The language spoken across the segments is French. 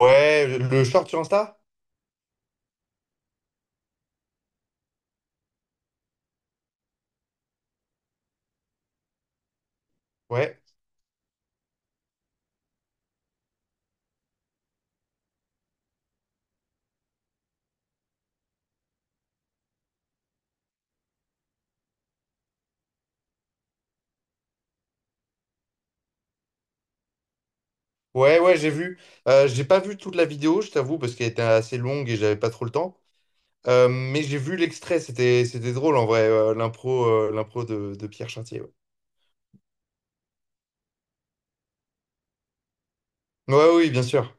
Ouais, le short sur Insta? Ouais. Ouais, ouais, j'ai vu. J'ai pas vu toute la vidéo, je t'avoue, parce qu'elle était assez longue et j'avais pas trop le temps. Mais j'ai vu l'extrait, c'était drôle en vrai, l'impro de Pierre Chartier. Ouais, ouais, oui, bien sûr.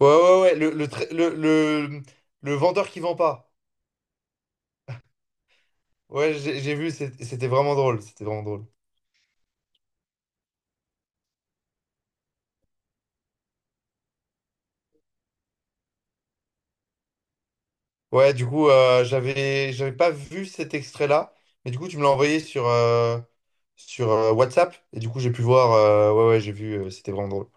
Ouais, ouais, ouais, le, tra- le vendeur qui vend pas. Ouais, j'ai vu, c'était vraiment drôle, c'était vraiment drôle. Ouais, du coup, j'avais pas vu cet extrait-là, mais du coup, tu me l'as envoyé sur WhatsApp, et du coup, j'ai pu voir, ouais, ouais, j'ai vu, c'était vraiment drôle.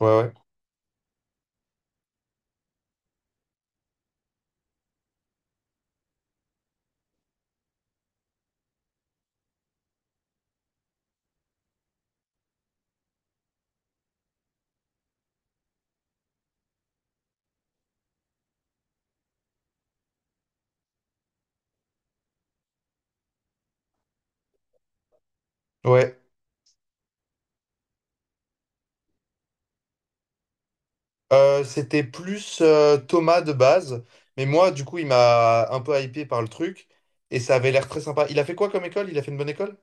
Ouais, ouais. Ouais. C'était plus Thomas de base, mais moi, du coup, il m'a un peu hypé par le truc et ça avait l'air très sympa. Il a fait quoi comme école? Il a fait une bonne école?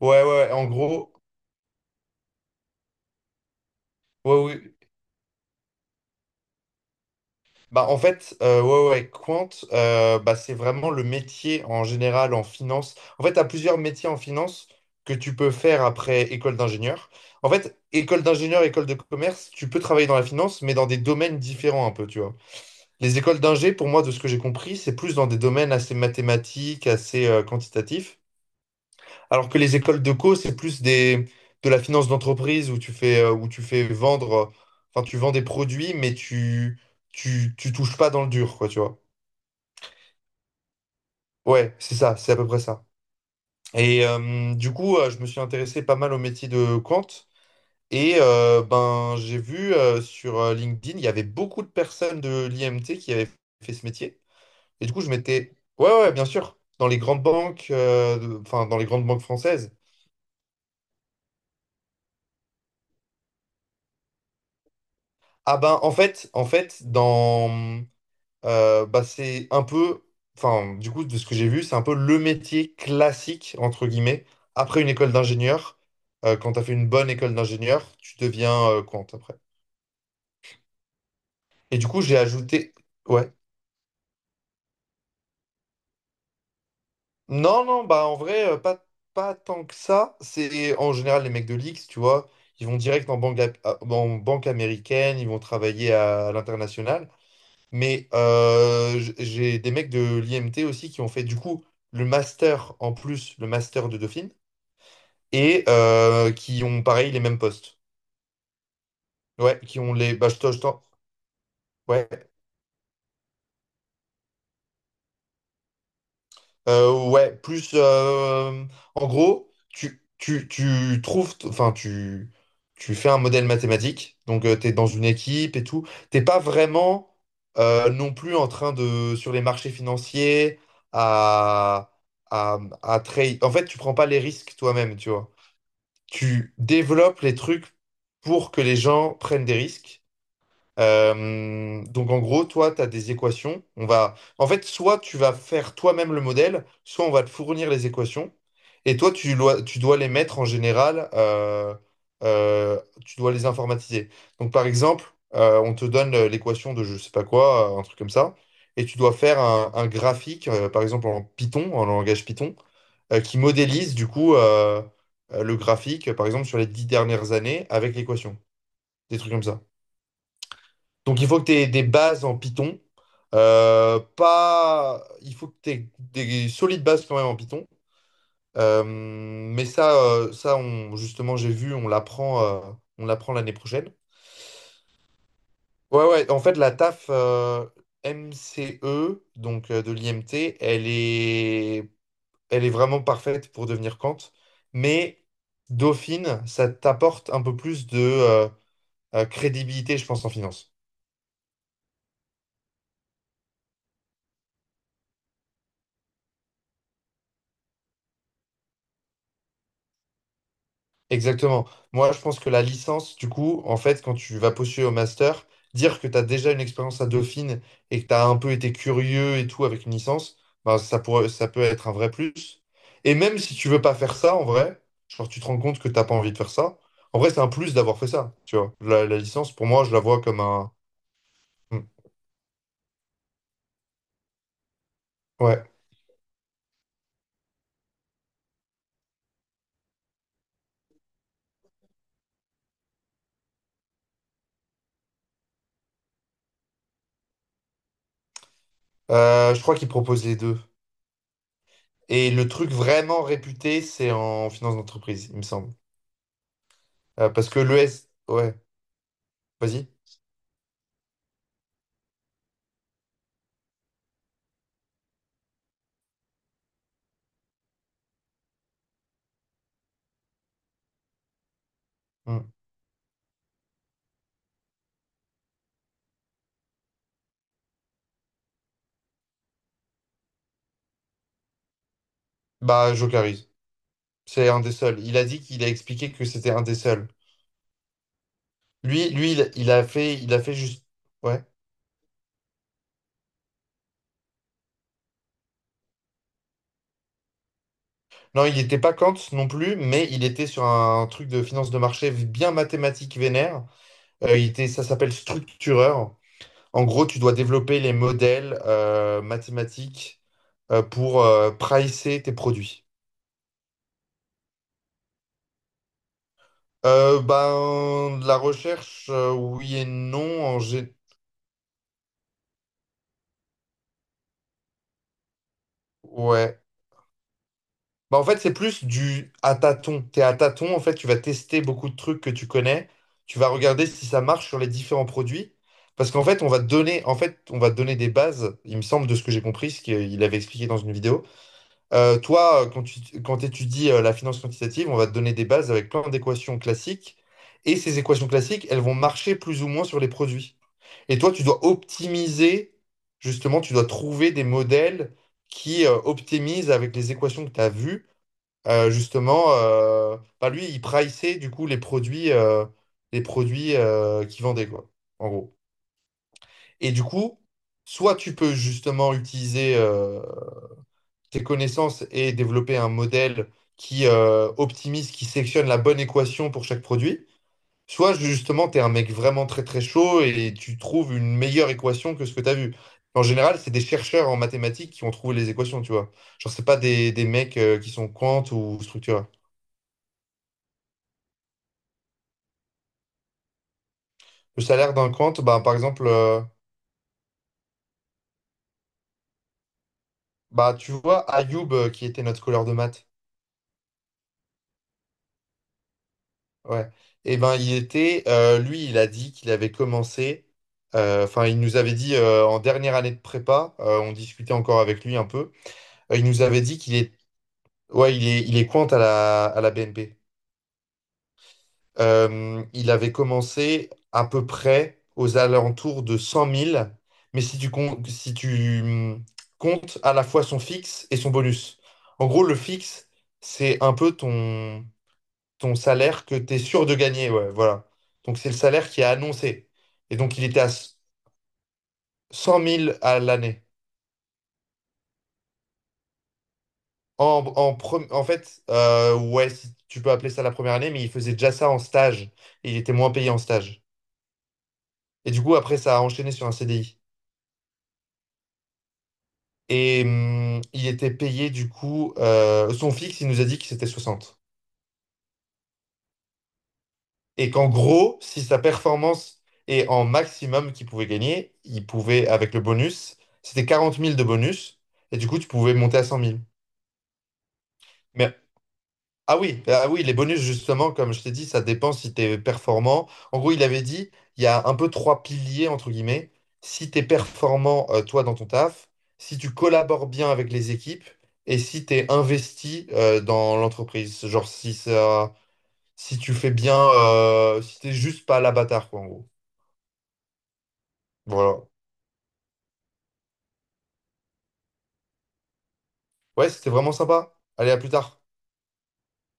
Ouais, ouais, ouais, en gros, ouais, oui. Bah, en fait, ouais, ouais, quant, bah, c'est vraiment le métier en général en finance. En fait, tu as plusieurs métiers en finance que tu peux faire après école d'ingénieur. En fait, école d'ingénieur, école de commerce, tu peux travailler dans la finance, mais dans des domaines différents un peu, tu vois. Les écoles d'ingé, pour moi, de ce que j'ai compris, c'est plus dans des domaines assez mathématiques, assez quantitatifs. Alors que les écoles de co, c'est plus de la finance d'entreprise où tu fais vendre, enfin, tu vends des produits, mais tu touches pas dans le dur, quoi, tu vois. Ouais, c'est ça, c'est à peu près ça. Et du coup, je me suis intéressé pas mal au métier de Quant. Et ben, j'ai vu sur LinkedIn, il y avait beaucoup de personnes de l'IMT qui avaient fait ce métier. Et du coup, je m'étais. Ouais, ouais, bien sûr. Dans les grandes banques, enfin, dans les grandes banques françaises. Ah ben, en fait, dans. Bah, c'est un peu. Enfin, du coup, de ce que j'ai vu, c'est un peu le métier classique, entre guillemets. Après une école d'ingénieur, quand tu as fait une bonne école d'ingénieur, tu deviens compte après. Et du coup, j'ai ajouté. Ouais. Non, non, bah en vrai, pas, pas tant que ça. C'est en général les mecs de l'X, tu vois, ils vont direct en banque, en banque américaine, ils vont travailler à l'international. Mais j'ai des mecs de l'IMT aussi qui ont fait du coup le master en plus, le master de Dauphine, et qui ont pareil les mêmes postes. Ouais, qui ont les. Bah, ouais. Ouais, plus en gros, tu trouves, enfin, tu fais un modèle mathématique, donc tu es dans une équipe et tout. T'es pas vraiment non plus en train de, sur les marchés financiers, à, à trade. En fait, tu prends pas les risques toi-même, tu vois. Tu développes les trucs pour que les gens prennent des risques. Donc en gros, toi, tu as des équations. On va... En fait, soit tu vas faire toi-même le modèle, soit on va te fournir les équations. Et toi, tu dois les mettre en général, euh, tu dois les informatiser. Donc par exemple, on te donne l'équation de je sais pas quoi, un truc comme ça, et tu dois faire un graphique, par exemple en Python, en langage Python, qui modélise du coup le graphique, par exemple sur les 10 dernières années avec l'équation, des trucs comme ça. Donc il faut que tu aies des bases en Python. Pas... Il faut que tu aies des solides bases quand même en Python. Mais ça, ça on, justement, j'ai vu, on l'apprend l'année prochaine. Ouais, ouais, en fait, la taf MCE, donc de l'IMT, elle est vraiment parfaite pour devenir Kant. Mais Dauphine, ça t'apporte un peu plus de crédibilité, je pense, en finance. Exactement. Moi, je pense que la licence, du coup, en fait, quand tu vas postuler au master, dire que tu as déjà une expérience à Dauphine et que tu as un peu été curieux et tout avec une licence, ben, ça peut être un vrai plus. Et même si tu veux pas faire ça, en vrai, genre tu te rends compte que t'as pas envie de faire ça, en vrai, c'est un plus d'avoir fait ça, tu vois. La licence, pour moi, je la vois comme un... Hmm. Ouais. Je crois qu'ils proposent les deux. Et le truc vraiment réputé, c'est en finance d'entreprise, il me semble. Parce que le S, ouais, vas-y. Hmm. Bah, Jocaris. C'est un des seuls. Il a dit qu'il a expliqué que c'était un des seuls. Lui, il a fait juste. Ouais. Non, il n'était pas Kant non plus, mais il était sur un truc de finance de marché bien mathématique vénère. Ça s'appelle structureur. En gros, tu dois développer les modèles mathématiques pour pricer tes produits. Ben, de la recherche, oui et non. Ouais. Bah en fait, c'est plus du à tâtons. T'es à tâtons, en fait, tu vas tester beaucoup de trucs que tu connais. Tu vas regarder si ça marche sur les différents produits. Parce qu'en fait, on va te donner des bases, il me semble, de ce que j'ai compris, ce qu'il avait expliqué dans une vidéo. Toi, quand tu quand étudies la finance quantitative, on va te donner des bases avec plein d'équations classiques. Et ces équations classiques, elles vont marcher plus ou moins sur les produits. Et toi, tu dois optimiser, justement, tu dois trouver des modèles qui optimisent avec les équations que tu as vues justement, bah lui, il priçait du coup les produits qu'il vendait, quoi, en gros. Et du coup, soit tu peux justement utiliser tes connaissances et développer un modèle qui optimise, qui sélectionne la bonne équation pour chaque produit, soit justement, tu es un mec vraiment très très chaud et tu trouves une meilleure équation que ce que tu as vu. En général, c'est des chercheurs en mathématiques qui ont trouvé les équations, tu vois. Genre, c'est pas des mecs qui sont quant ou structurés. Le salaire d'un compte, bah, par exemple, bah, tu vois, Ayoub, qui était notre couleur de maths, ouais, et ben il était, lui, il a dit qu'il avait commencé, enfin, il nous avait dit en dernière année de prépa, on discutait encore avec lui un peu, il nous avait dit qu'il est, ouais, il est compte à la BNP. Il avait commencé à peu près aux alentours de 100 000, mais si tu comptes à la fois son fixe et son bonus. En gros, le fixe, c'est un peu ton salaire que tu es sûr de gagner. Ouais, voilà. Donc, c'est le salaire qui est annoncé. Et donc, il était 100 000 à l'année. En fait, ouais, si tu peux appeler ça la première année, mais il faisait déjà ça en stage. Et il était moins payé en stage. Et du coup, après, ça a enchaîné sur un CDI. Et il était payé du coup, son fixe, il nous a dit que c'était 60. Et qu'en gros, si sa performance est en maximum qu'il pouvait gagner, il pouvait, avec le bonus, c'était 40 000 de bonus, et du coup, tu pouvais monter à 100 000. Mais ah oui, ah oui, les bonus, justement, comme je t'ai dit, ça dépend si tu es performant. En gros, il avait dit, il y a un peu trois piliers, entre guillemets. Si tu es performant, toi, dans ton taf, si tu collabores bien avec les équipes et si tu es investi, dans l'entreprise. Genre, si tu fais bien, si t'es juste pas l'abatard, quoi, en gros. Voilà. Ouais, c'était vraiment sympa. Allez, à plus tard.